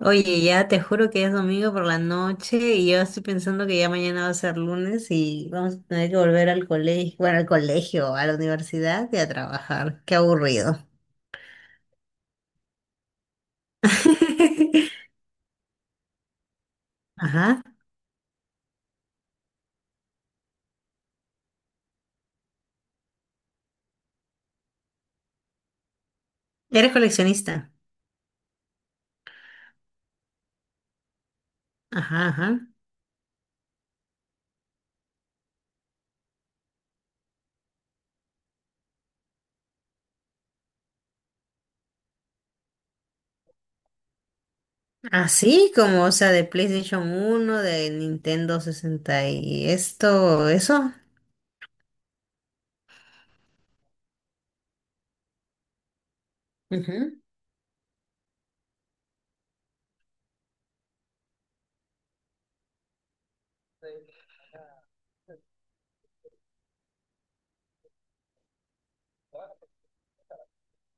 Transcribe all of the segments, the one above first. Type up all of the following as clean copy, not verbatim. Oye, ya te juro que es domingo por la noche y yo estoy pensando que ya mañana va a ser lunes y vamos a tener que volver al colegio, bueno, al colegio, a la universidad y a trabajar. Qué aburrido. Ajá. Eres coleccionista. Ajá, ajá. Así como, o sea, de PlayStation 1, de Nintendo sesenta y esto, eso. Ujú,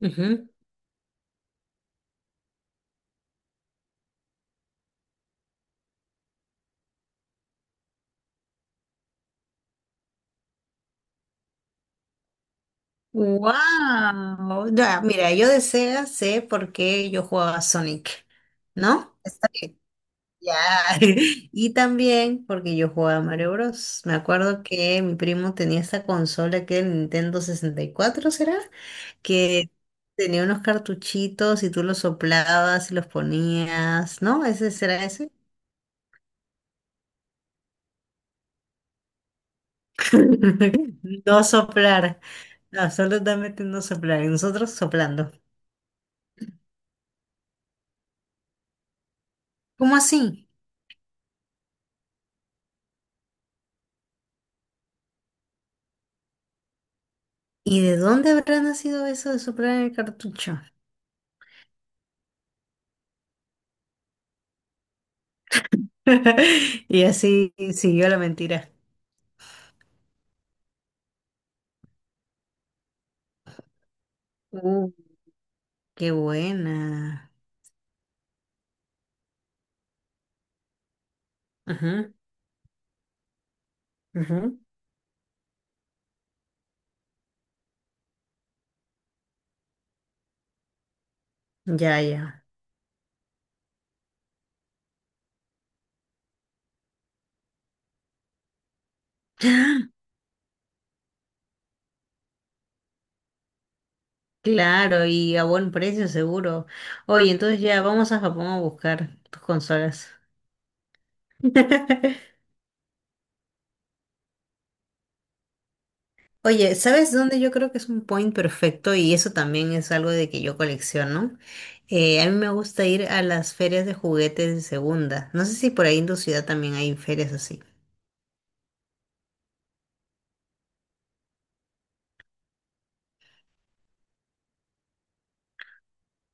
ujú. Wow, ya, mira, yo de Sega sé por qué yo jugaba Sonic, ¿no? Está ya. Y también porque yo jugaba Mario Bros. Me acuerdo que mi primo tenía esta consola que era el Nintendo 64, ¿será? Que tenía unos cartuchitos y tú los soplabas y los ponías, ¿no? ¿Ese será ese? No soplar, absolutamente no soplar. Y nosotros soplando. ¿Cómo así? ¿Y de dónde habrá nacido eso de soplar en el cartucho? Y así siguió la mentira. Uh, qué buena. Ajá, ajá. Ya, ya. Claro, y a buen precio seguro. Oye, entonces ya vamos a Japón a buscar tus consolas. Oye, ¿sabes dónde yo creo que es un point perfecto? Y eso también es algo de que yo colecciono. A mí me gusta ir a las ferias de juguetes de segunda. No sé si por ahí en tu ciudad también hay ferias así.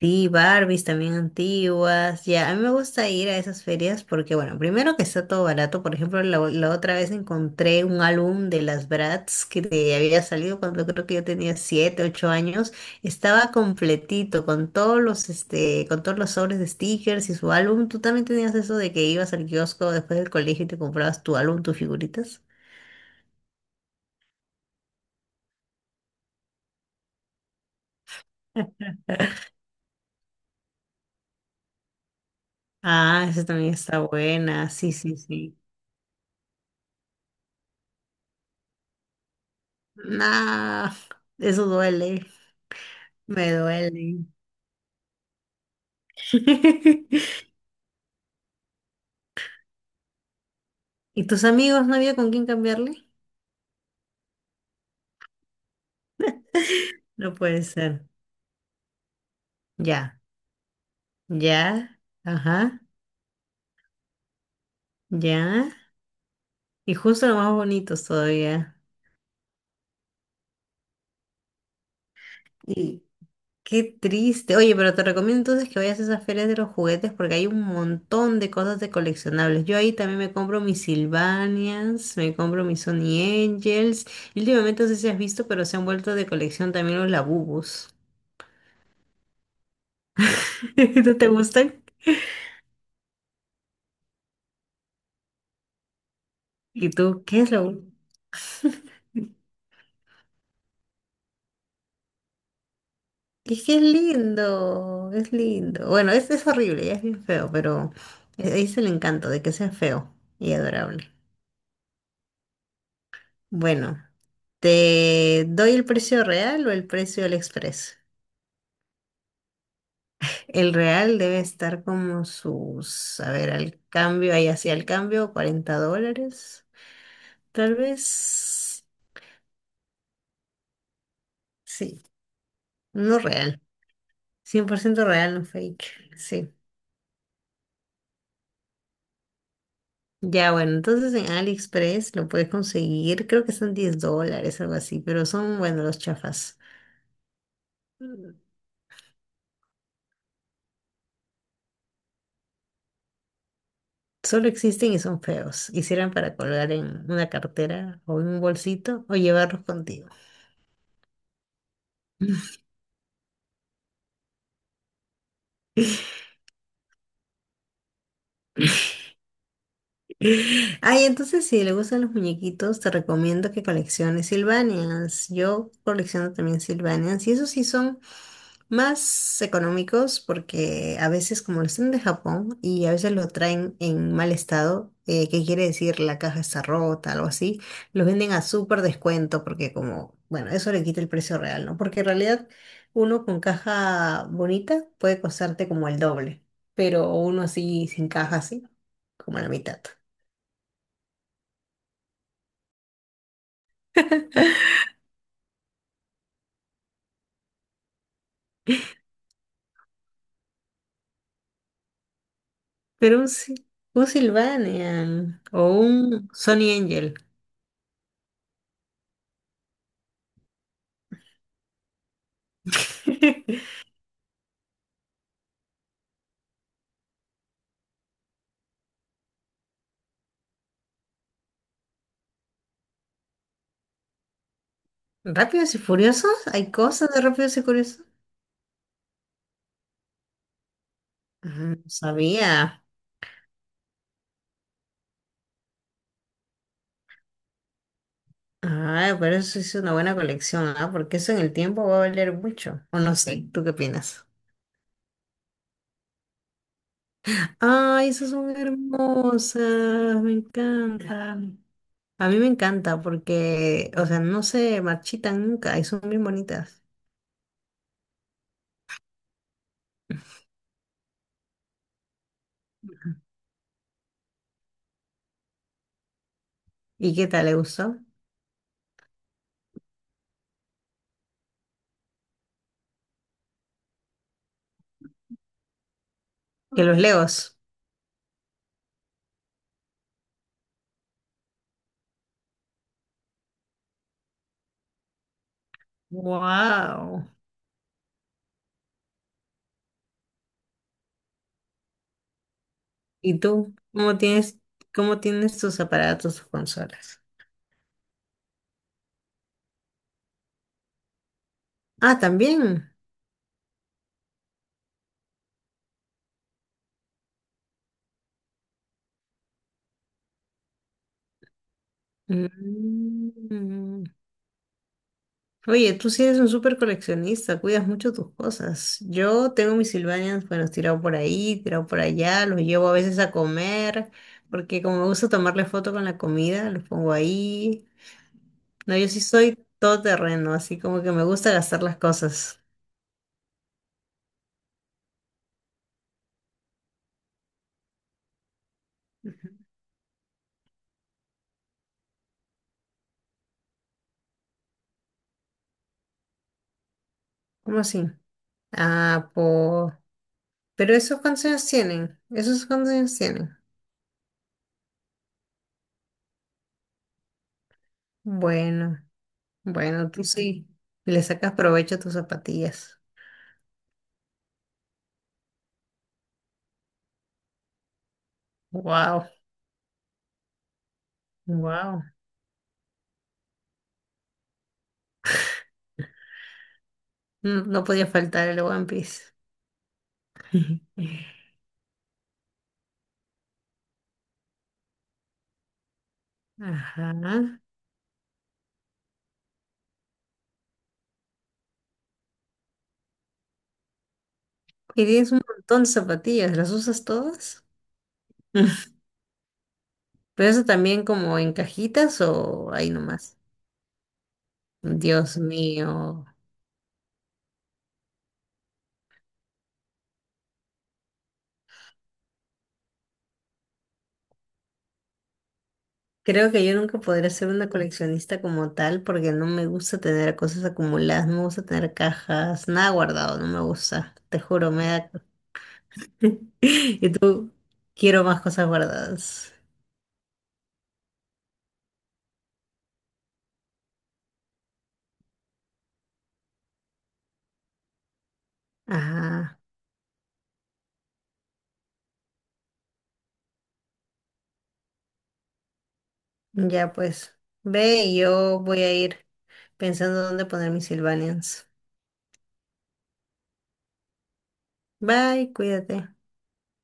Sí, Barbies también antiguas. Ya, a mí me gusta ir a esas ferias porque, bueno, primero que está todo barato. Por ejemplo, la otra vez encontré un álbum de las Bratz que te había salido cuando creo que yo tenía 7, 8 años. Estaba completito con todos los, este, con todos los sobres de stickers y su álbum. ¿Tú también tenías eso de que ibas al kiosco después del colegio y te comprabas tu álbum, tus figuritas? Ah, esa también está buena. Sí, sí, sí. Nah, eso duele. Me duele. ¿Y tus amigos no había con quién cambiarle? No puede ser. Ya, ya, ajá, ya. Y justo los más bonitos todavía. Y Qué triste. Oye, pero te recomiendo entonces que vayas a esas ferias de los juguetes porque hay un montón de cosas de coleccionables. Yo ahí también me compro mis Sylvanias, me compro mis Sony Angels. Y últimamente no sé si has visto, pero se han vuelto de colección también los Labubus. ¿No te gustan? ¿Y tú qué es Labu? Es que es lindo, es lindo. Bueno, es horrible, ya es bien feo, pero ahí es el encanto de que sea feo y adorable. Bueno, ¿te doy el precio real o el precio del express? El real debe estar como sus, a ver, al cambio, ahí hacia el cambio, $40, tal vez. Sí, no real, 100% real, no fake, sí. Ya, bueno, entonces en AliExpress lo puedes conseguir, creo que son $10, algo así, pero son, bueno, los chafas. Mm. Solo existen y son feos. Hicieran para colgar en una cartera o en un bolsito o llevarlos contigo. Ay, entonces si le gustan los muñequitos, te recomiendo que colecciones Silvanias. Yo colecciono también Silvanias y esos sí son más económicos porque a veces como los traen de Japón y a veces lo traen en mal estado, que quiere decir la caja está rota, algo así, los venden a súper descuento porque como, bueno, eso le quita el precio real, ¿no? Porque en realidad uno con caja bonita puede costarte como el doble, pero uno así sin caja así, como la mitad. Pero un Sylvanian o un Sony Angel. ¿Rápidos y Furiosos? ¿Hay cosas de Rápidos y Furiosos? Ah, no sabía. Ah, pero eso es una buena colección, ¿ah? Porque eso en el tiempo va a valer mucho. O no sé, ¿tú qué opinas? Ay, esas son hermosas, me encantan. A mí me encanta porque, o sea, no se marchitan nunca y son bien bonitas. ¿Y qué tal? ¿Le gustó? ¿Que los Legos? Wow. ¿Y tú? ¿Cómo tienes tus aparatos o consolas? Ah, también. Mm. Oye, tú sí eres un súper coleccionista, cuidas mucho tus cosas. Yo tengo mis Sylvanians, bueno, tirado por ahí, tirado por allá, los llevo a veces a comer, porque como me gusta tomarle foto con la comida, los pongo ahí. No, yo sí soy todoterreno, así como que me gusta gastar las cosas. ¿Cómo así? Ah, po. Esos cuántos años tienen. Bueno, bueno, tú sí. Le sacas provecho a tus zapatillas. Wow, wow. No, no podía faltar el One Piece. Ajá. Y tienes un montón de zapatillas, ¿las usas todas? Pero eso también como en cajitas o ahí nomás. Dios mío. Creo que yo nunca podré ser una coleccionista como tal porque no me gusta tener cosas acumuladas, no me gusta tener cajas, nada guardado, no me gusta. Te juro, me da. Y tú, quiero más cosas guardadas. Ajá, ya pues. Ve, y yo voy a ir pensando dónde poner mis Sylvanians. Bye, cuídate.